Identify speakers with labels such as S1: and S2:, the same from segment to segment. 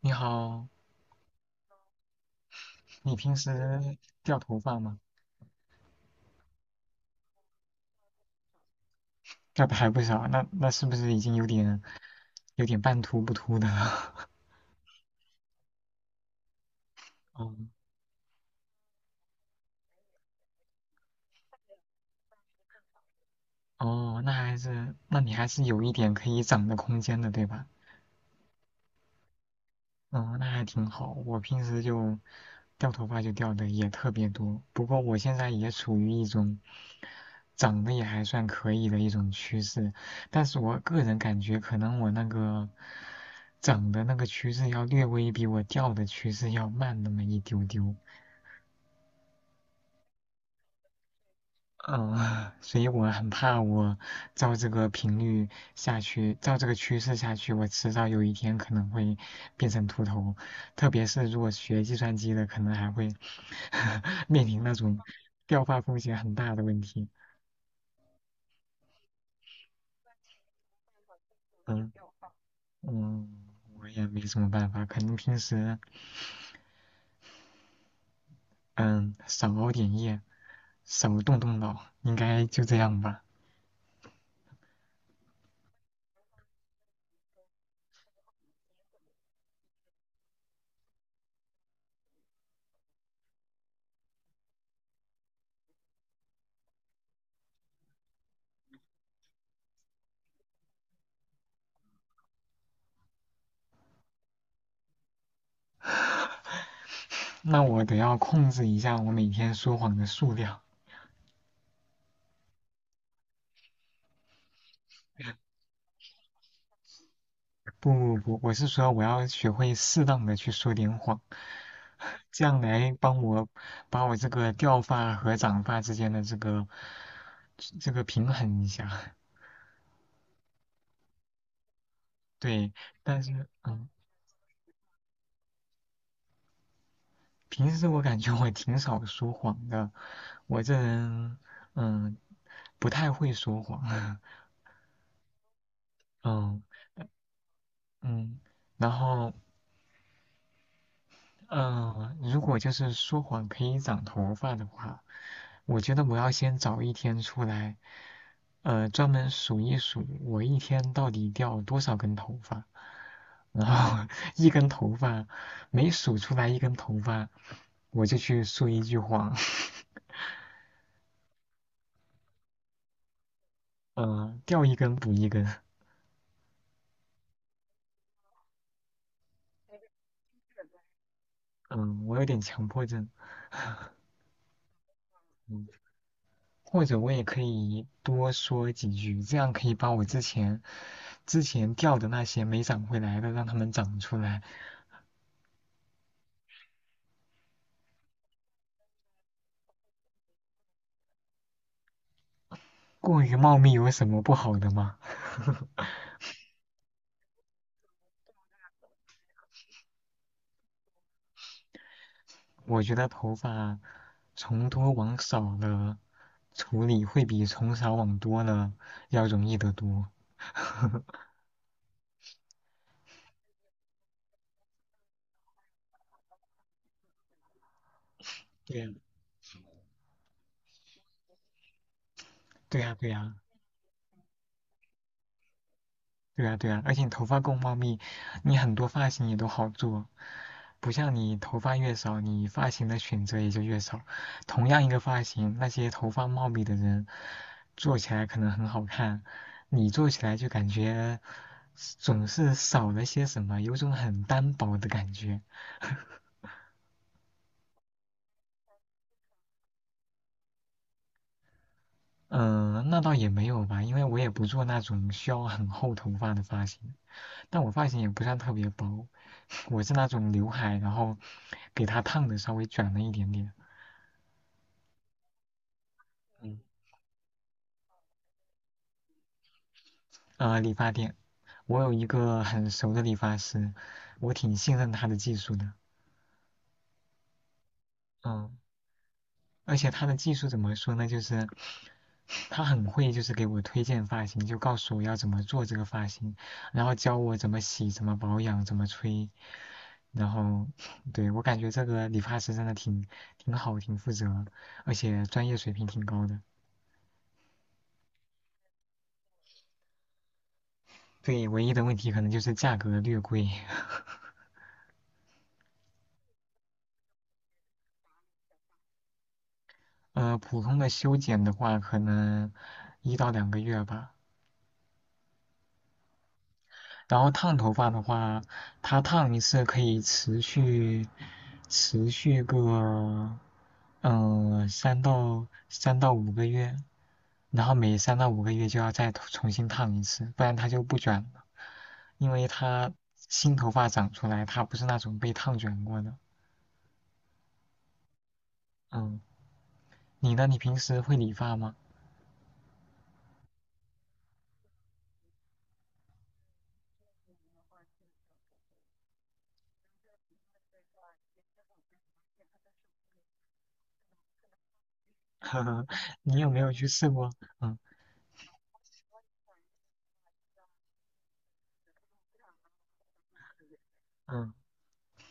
S1: 你好，你平时掉头发吗？掉的还不少，那是不是已经有点半秃不秃的了？哦哦，那还是，那你还是有一点可以长的空间的，对吧？哦，那还挺好。我平时掉头发掉的也特别多，不过我现在也处于一种长得也还算可以的一种趋势，但是我个人感觉可能我那个长的那个趋势要略微比我掉的趋势要慢那么一丢丢。嗯，所以我很怕，我照这个频率下去，照这个趋势下去，我迟早有一天可能会变成秃头。特别是如果学计算机的，可能还会 面临那种掉发风险很大的问题。嗯嗯，我也没什么办法，可能平时嗯少熬点夜，少动动脑，应该就这样吧。那我得要控制一下我每天说谎的数量。不不不，我是说我要学会适当的去说点谎，这样来帮我把我这个掉发和长发之间的这个平衡一下。对，但是嗯，平时我感觉我挺少说谎的，我这人嗯不太会说谎，嗯嗯，然后嗯，如果就是说谎可以长头发的话，我觉得我要先找一天出来，专门数一数我一天到底掉多少根头发，然后 一根头发每数出来一根头发，我就去说一句谎，嗯、掉一根补一根，嗯、我有点强迫症，嗯。或者我也可以多说几句，这样可以把我之前掉的那些没长回来的，让它们长出来。过于茂密有什么不好的吗？我觉得头发从多往少了处理，会比从少往多了要容易得多。对呀，对呀，对呀。对啊，对啊，而且你头发够茂密，你很多发型也都好做，不像你头发越少，你发型的选择也就越少。同样一个发型，那些头发茂密的人做起来可能很好看，你做起来就感觉总是少了些什么，有种很单薄的感觉。嗯，那倒也没有吧，因为我也不做那种需要很厚头发的发型，但我发型也不算特别薄，我是那种刘海，然后给它烫的稍微卷了一点点。嗯，理发店，我有一个很熟的理发师，我挺信任他的技术的。嗯，而且他的技术怎么说呢？就是他很会，就是给我推荐发型，就告诉我要怎么做这个发型，然后教我怎么洗、怎么保养、怎么吹。然后，对，我感觉这个理发师真的挺好、挺负责，而且专业水平挺高的。对，唯一的问题可能就是价格略贵。呃，普通的修剪的话，可能一到两个月吧。然后烫头发的话，它烫一次可以持续个嗯三到五个月，然后每三到五个月就要再重新烫一次，不然它就不卷了，因为它新头发长出来，它不是那种被烫卷过的。嗯，你呢？你平时会理发吗？你有没有去试过？嗯。嗯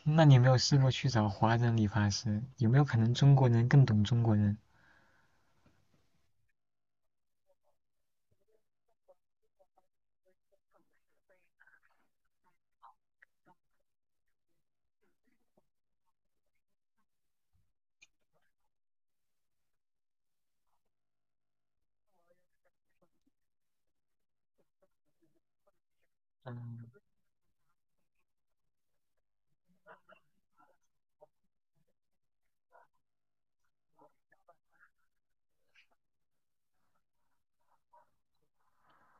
S1: 那你有没有试过去找华人理发师？有没有可能中国人更懂中国人？嗯，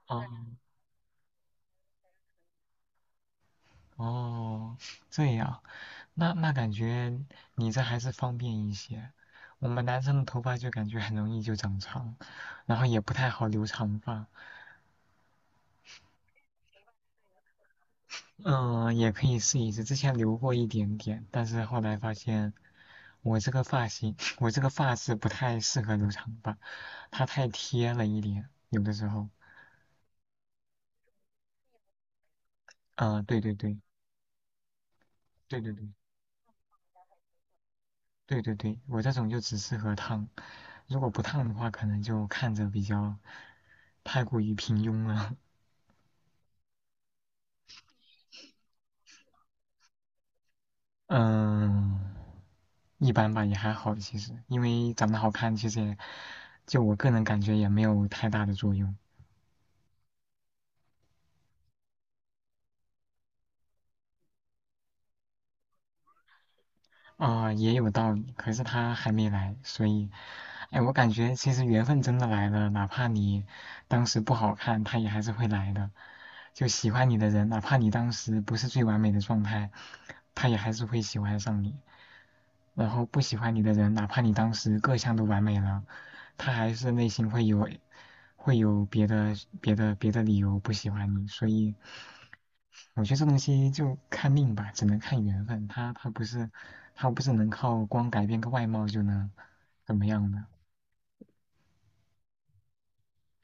S1: 哦哦，这样，那感觉你这还是方便一些。我们男生的头发就感觉很容易就长长，然后也不太好留长发。嗯，也可以试一试，之前留过一点点，但是后来发现我这个发型，我这个发质不太适合留长发，它太贴了一点，有的时候。嗯，对对对，对对对。对对对，我这种就只适合烫，如果不烫的话，可能就看着比较太过于平庸了。嗯，一般吧，也还好其实，因为长得好看，其实也就我个人感觉也没有太大的作用。啊、也有道理。可是他还没来，所以，哎，我感觉其实缘分真的来了，哪怕你当时不好看，他也还是会来的。就喜欢你的人，哪怕你当时不是最完美的状态，他也还是会喜欢上你。然后不喜欢你的人，哪怕你当时各项都完美了，他还是内心会有别的别的理由不喜欢你。所以，我觉得这东西就看命吧，只能看缘分。他不是能靠光改变个外貌就能怎么样的，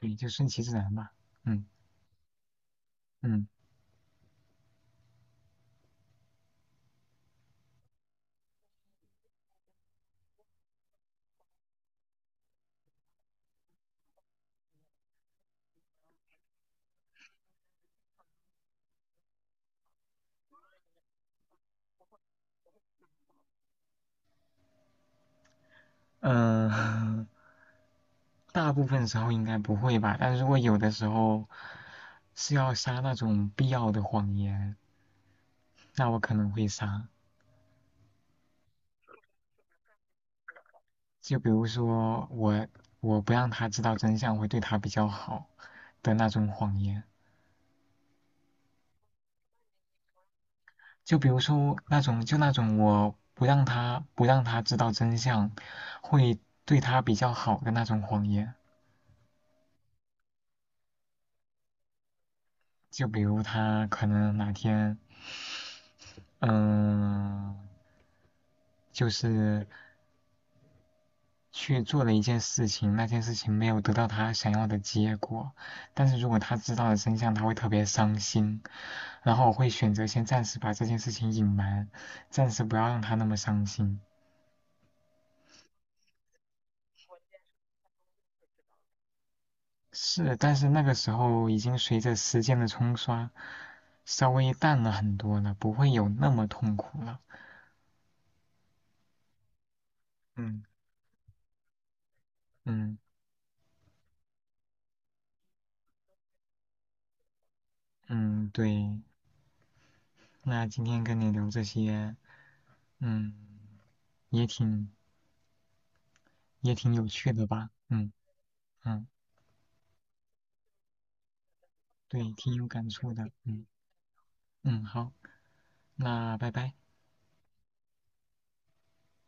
S1: 对，就顺其自然吧。嗯嗯嗯、大部分时候应该不会吧，但如果有的时候是要撒那种必要的谎言，那我可能会撒。就比如说我不让他知道真相会对他比较好的那种谎言。就比如说那种我不让他知道真相，会对他比较好的那种谎言。就比如他可能哪天，嗯，就是去做了一件事情，那件事情没有得到他想要的结果，但是如果他知道了真相，他会特别伤心。然后我会选择先暂时把这件事情隐瞒，暂时不要让他那么伤心。是，但是那个时候已经随着时间的冲刷，稍微淡了很多了，不会有那么痛苦了。嗯嗯嗯，对。那今天跟你聊这些，嗯，也挺也挺有趣的吧？嗯嗯，对，挺有感触的。嗯嗯，好，那拜拜。